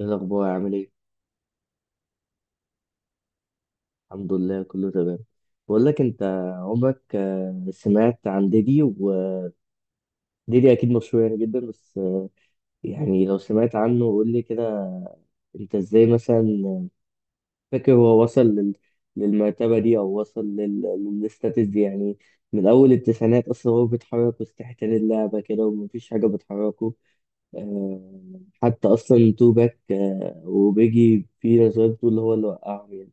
ايه الاخبار عامل ايه؟ الحمد لله كله تمام. بقول لك انت، عمرك سمعت عن ديدي؟ وديدي اكيد مشهور يعني جدا، بس يعني لو سمعت عنه قول لي كده. انت ازاي مثلا آه، فاكر هو وصل للمرتبه دي، او وصل للستاتس دي يعني؟ من اول التسعينات اصلا هو بيتحرك وسط حيتان اللعبه كده ومفيش حاجه بتحركه. أه... حتى اصلا تو باك، وبيجي، في نظريات بتقول هو اللي وقعهم يعني.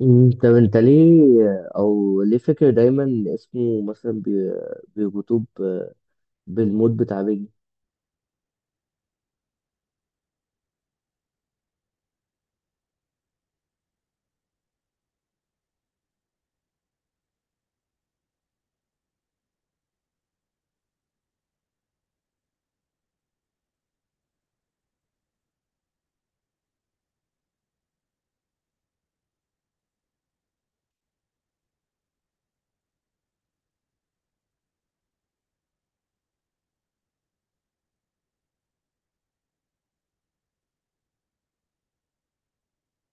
طب انت ليه، او ليه فاكر دايما اسمه مثلا بيربطوه بالموت بتاع بيجي؟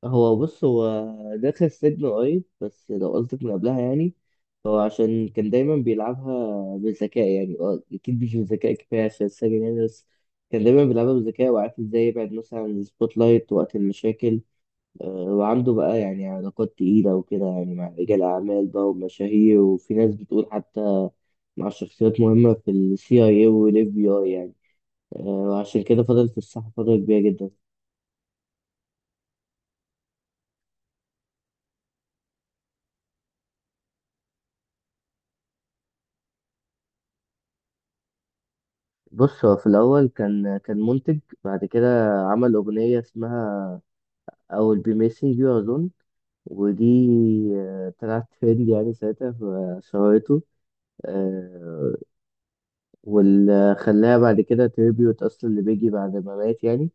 هو بص، هو داخل السجن قريب، بس لو قصدك من قبلها يعني، هو عشان كان دايما بيلعبها بذكاء يعني. اه، اكيد مش بذكاء كفايه عشان السجن يعني، بس كان دايما بيلعبها بذكاء وعارف ازاي يبعد مثلا عن السبوت لايت وقت المشاكل. وعنده بقى يعني علاقات تقيلة وكده يعني، مع رجال أعمال بقى ومشاهير، وفي ناس بتقول حتى مع شخصيات مهمة في ال CIA وال FBI يعني. وعشان كده فضل في الساحة فترة كبيرة جدا. بص، هو في الأول كان منتج، بعد كده عمل أغنية اسمها I will be missing you أظن، ودي طلعت ترند يعني ساعتها فشهرته آه، واللي خلاها بعد كده تريبيوت أصلا لبيجي بعد ما مات يعني،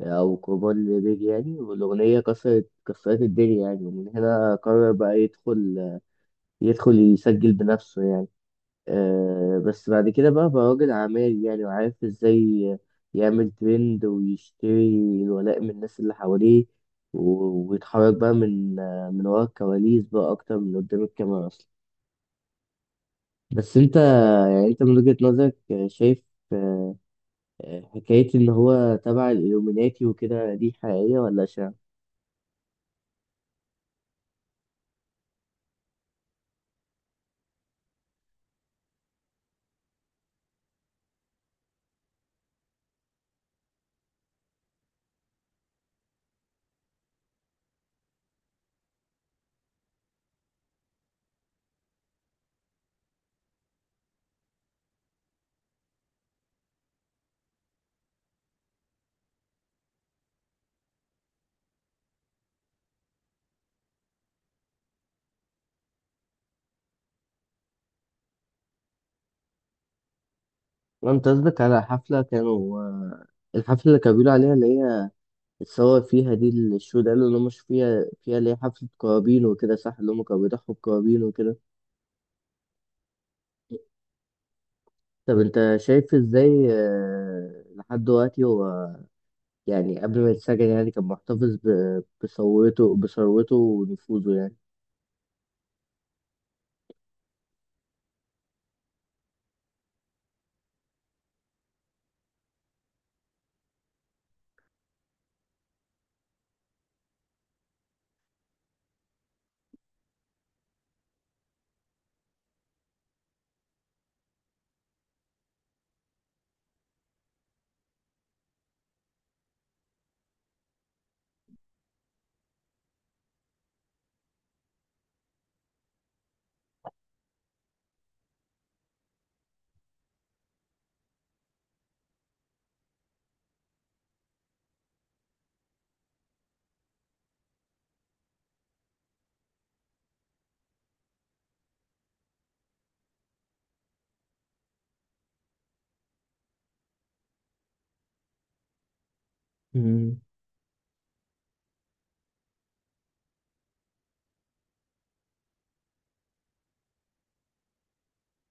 او كومان ريبيري يعني، والاغنيه كسرت الدنيا يعني. ومن هنا قرر بقى يدخل، يدخل يسجل بنفسه يعني. أه، بس بعد كده بقى راجل اعمال يعني، وعارف ازاي يعمل ترند ويشتري الولاء من الناس اللي حواليه. ويتحرك بقى من ورا الكواليس بقى اكتر من قدام الكاميرا اصلا. بس انت يعني، انت من وجهة نظرك شايف آه، حكاية إن هو تبع الإلluminati وكده دي حقيقية ولا شايف؟ انت قصدك على حفلة كانوا الحفلة اللي كانوا بيقولوا عليها، اللي هي اتصور فيها دي، اللي الشو ده اللي هم مش فيها فيها، اللي هي حفلة قرابين وكده، صح؟ اللي هم كانوا بيضحوا بقرابين وكده. طب انت شايف ازاي لحد دلوقتي هو، يعني قبل ما يتسجن يعني، كان محتفظ بثروته، بثروته ونفوذه يعني؟ مم.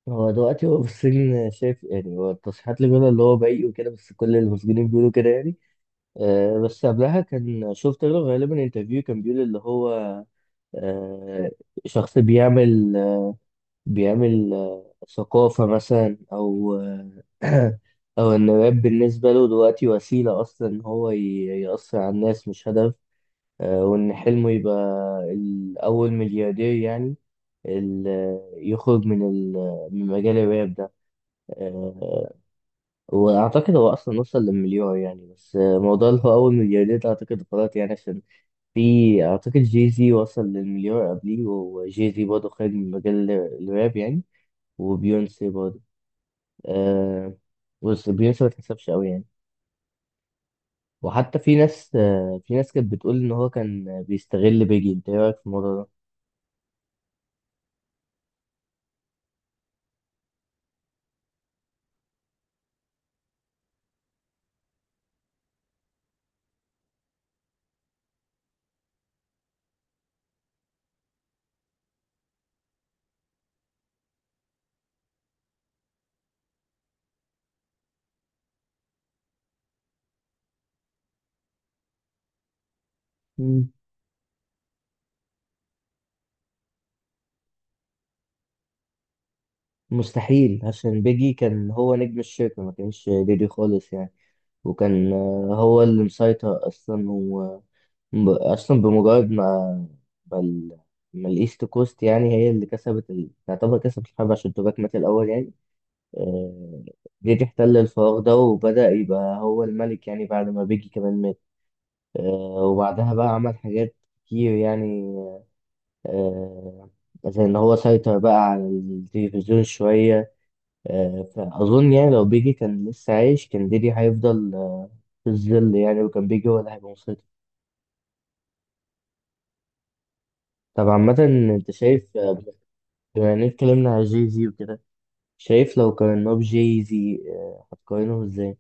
هو دلوقتي، هو في السجن شايف يعني، هو التصريحات اللي بيقولها اللي هو بريء وكده، بس كل المسجونين بيقولوا كده يعني. بس قبلها كان شفت له غالبا انترفيو كان بيقول اللي هو آه، شخص بيعمل ثقافة مثلا، أو آه، أو إن الراب بالنسبة له دلوقتي وسيلة أصلا إن هو يأثر على الناس مش هدف. وإن حلمه يبقى الأول ملياردير يعني، يخرج من من مجال الراب ده. آه، وأعتقد هو أصلا وصل للمليار يعني، بس موضوع اللي هو أول ملياردير ده أعتقد غلط يعني، عشان في، أعتقد جي زي وصل للمليار قبليه، وجي زي برضه خارج من مجال الراب يعني. وبيونسي برضه آه. بص، بيونسي ما تحسبش قوي يعني. وحتى في ناس، آه، في ناس كانت بتقول إن هو كان بيستغل بيجي. أنت إيه رأيك في الموضوع ده؟ مم. مستحيل، عشان بيجي كان هو نجم الشركة، ما كانش ديدي خالص يعني. وكان هو اللي مسيطر أصلا. اصلا بمجرد ما، ما, ال... ما الايست كوست يعني هي اللي كسبت تعتبر كسبت الحرب، عشان توباك مات الاول يعني. آه... جيت احتل الفراغ ده وبدأ يبقى هو الملك يعني، بعد ما بيجي كمان مات. آه... وبعدها بقى عمل حاجات كتير يعني، آه... زي ان هو سيطر بقى على التلفزيون شوية. آه... فاظن يعني لو بيجي كان لسه عايش، كان ديدي هيفضل في الظل يعني، وكان بيجي هو اللي هيبقى مسيطر. طب عامة، انت شايف، بما إننا اتكلمنا على جي زي وكده، شايف لو قارناه بجي زي هتقارنه ازاي؟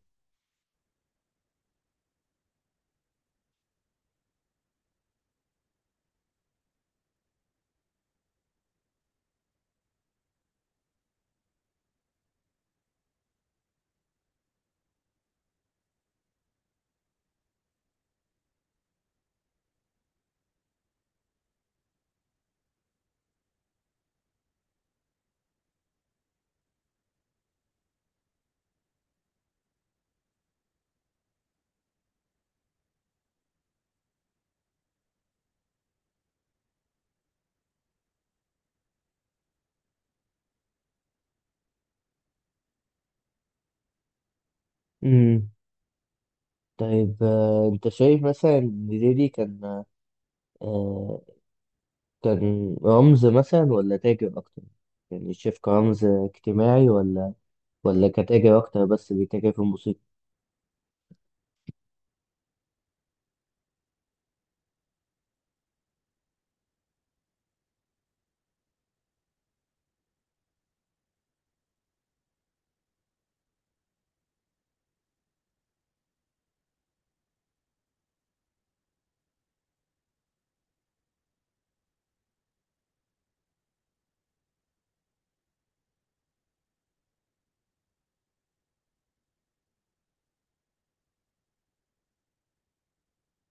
امم. طيب انت شايف مثلا ان ديدي كان آه، كان رمز مثلا ولا تاجر اكتر؟ يعني شايف كرمز اجتماعي ولا، ولا كتاجر اكتر بس بيتاجر في الموسيقى؟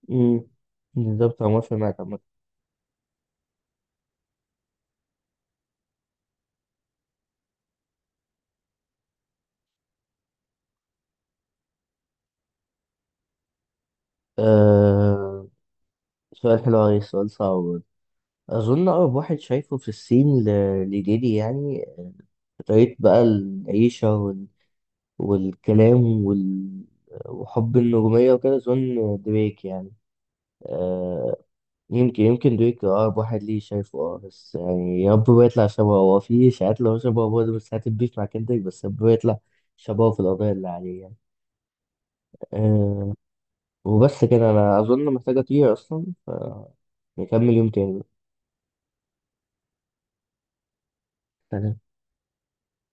امم، بالظبط، انا موافق معاك عامة. آه، سؤال حلو أوي، سؤال صعب برضه. أظن أقرب واحد شايفه في الصين لديدي يعني، طريقة بقى العيشة والكلام وحب النجومية وكده، أظن دريك يعني. آه، يمكن دريك أقرب واحد ليه شايفه. أه بس يعني يا رب ما يطلع شبهه، هو في إشاعات اللي هو شبهه برضه، بس هتبيف مع كندريك، بس يا رب ما يطلع شبهه في القضايا اللي عليه يعني. آه، وبس كده، أنا أظن محتاج أطير أصلا، ف نكمل يوم تاني.